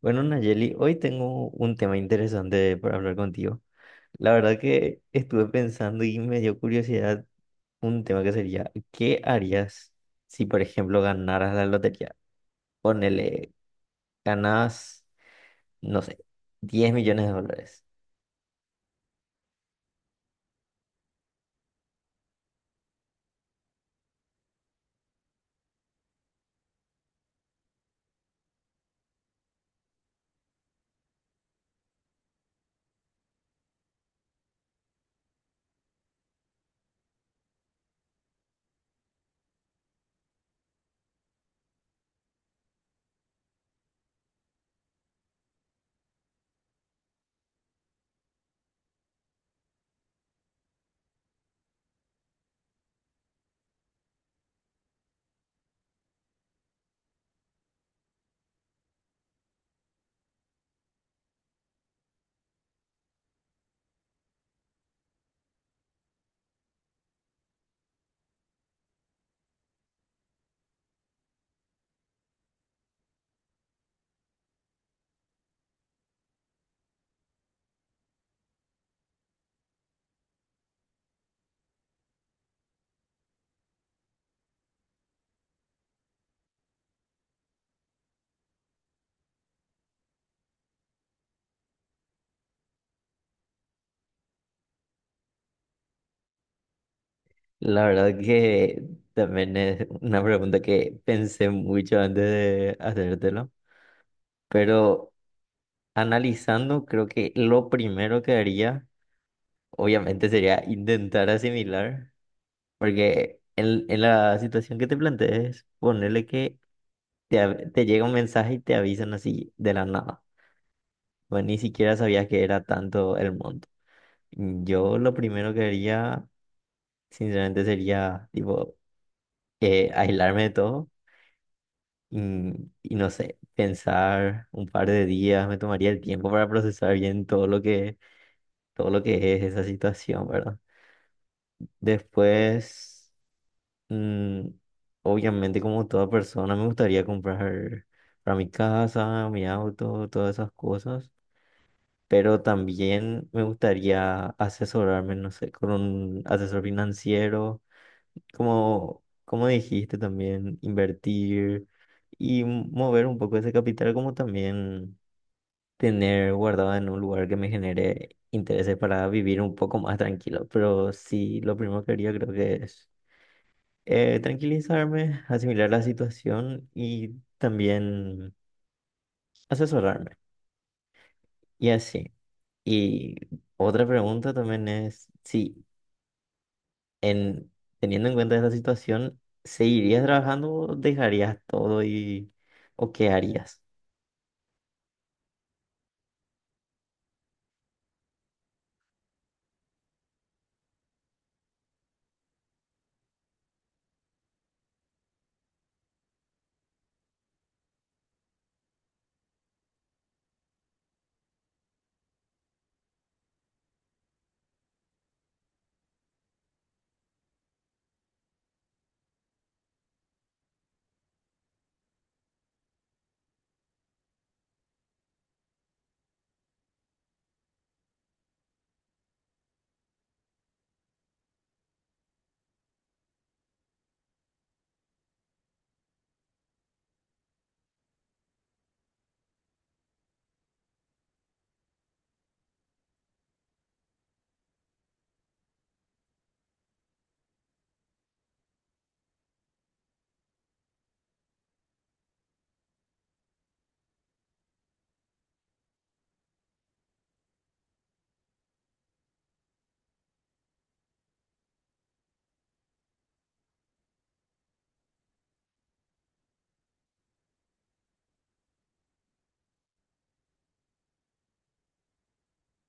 Bueno, Nayeli, hoy tengo un tema interesante para hablar contigo. La verdad que estuve pensando y me dio curiosidad un tema que sería, ¿qué harías si, por ejemplo, ganaras la lotería? Ponele, ganas, no sé, 10 millones de dólares. La verdad que también es una pregunta que pensé mucho antes de hacértelo, pero analizando, creo que lo primero que haría, obviamente, sería intentar asimilar. Porque en la situación que te plantees, ponerle que te llega un mensaje y te avisan así de la nada. Pues ni siquiera sabías que era tanto el monto. Yo lo primero que haría, sinceramente, sería tipo aislarme de todo y no sé, pensar un par de días, me tomaría el tiempo para procesar bien todo lo que es esa situación, ¿verdad? Después. Mm, Obviamente, como toda persona, me gustaría comprar para mi casa, mi auto, todas esas cosas, pero también me gustaría asesorarme, no sé, con un asesor financiero, como dijiste también, invertir y mover un poco ese capital, como también tener guardado en un lugar que me genere intereses para vivir un poco más tranquilo. Pero sí, lo primero que haría creo que es tranquilizarme, asimilar la situación y también asesorarme. Y así. Y otra pregunta también es si en teniendo en cuenta esta situación, ¿seguirías trabajando o dejarías todo y o qué harías?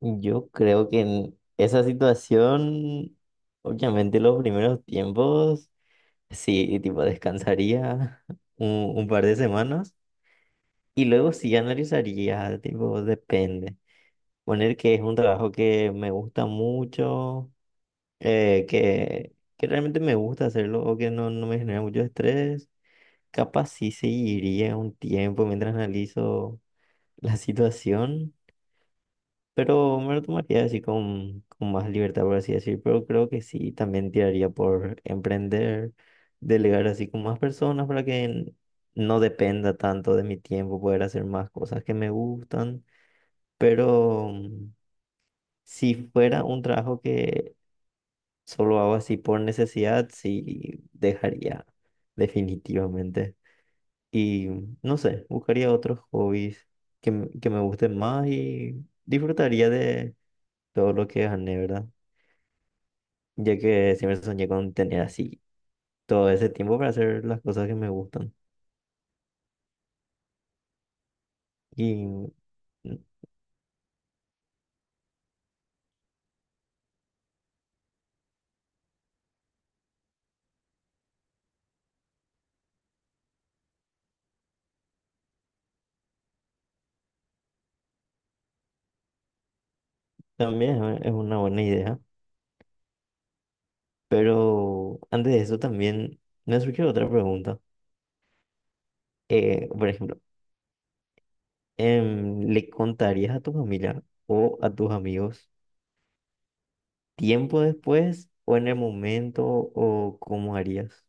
Yo creo que en esa situación, obviamente los primeros tiempos, sí, tipo descansaría un, un par de semanas y luego sí analizaría, tipo, depende. Poner que es un trabajo que me gusta mucho, que realmente me gusta hacerlo o que no, no me genera mucho estrés. Capaz sí seguiría un tiempo mientras analizo la situación, pero me lo tomaría así con más libertad, por así decir. Pero creo que sí, también tiraría por emprender, delegar así con más personas para que no dependa tanto de mi tiempo, poder hacer más cosas que me gustan. Pero... si fuera un trabajo que solo hago así por necesidad, sí dejaría definitivamente. Y no sé, buscaría otros hobbies que me gusten más y disfrutaría de todo lo que gané, ¿verdad? Ya que siempre soñé con tener así todo ese tiempo para hacer las cosas que me gustan. Y también es una buena idea. Pero antes de eso también me surgió otra pregunta. Por ejemplo, ¿le contarías a tu familia o a tus amigos, tiempo después o en el momento, o cómo harías?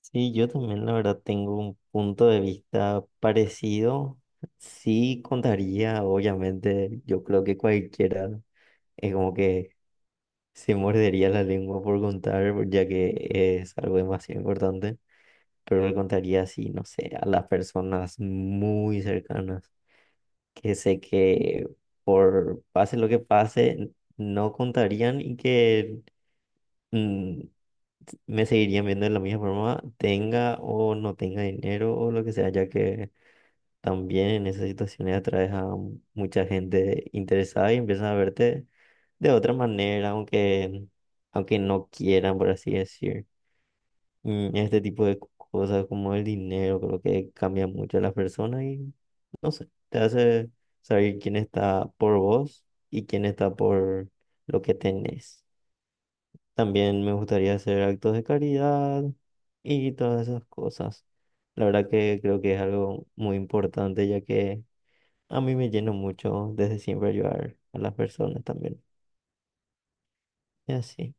Sí, yo también la verdad tengo un punto de vista parecido. Sí contaría, obviamente, yo creo que cualquiera es como que se mordería la lengua por contar, ya que es algo demasiado importante, pero le contaría así, no sé, a las personas muy cercanas, que sé que por pase lo que pase, no contarían y que... mm, me seguirían viendo de la misma forma, tenga o no tenga dinero o lo que sea, ya que también en esas situaciones atraes a mucha gente interesada y empiezan a verte de otra manera, aunque no quieran, por así decir. Este tipo de cosas como el dinero, creo que cambia mucho a las personas y no sé, te hace saber quién está por vos y quién está por lo que tenés. También me gustaría hacer actos de caridad y todas esas cosas. La verdad que creo que es algo muy importante, ya que a mí me llena mucho desde siempre ayudar a las personas también. Y así.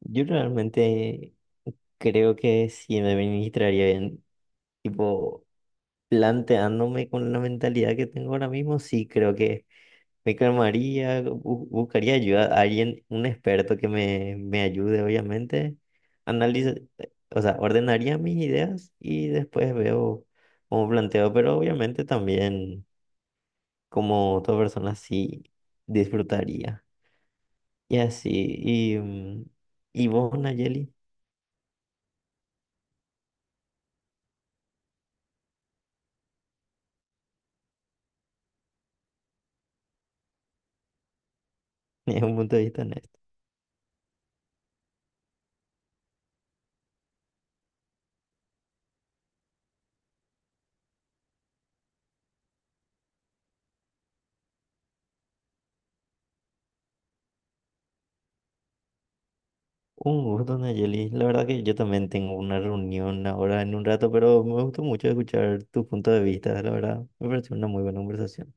Yo realmente creo que si me administraría bien, tipo planteándome con la mentalidad que tengo ahora mismo, sí creo que me calmaría, buscaría ayuda a alguien, un experto que me ayude, obviamente. Analiza, o sea, ordenaría mis ideas y después veo cómo planteo, pero obviamente también como toda persona sí disfrutaría. Y así, y, mm, y vos, Nayeli, es un punto de vista honesto. Un gusto, Nayeli. La verdad que yo también tengo una reunión ahora en un rato, pero me gustó mucho escuchar tu punto de vista, la verdad. Me pareció una muy buena conversación.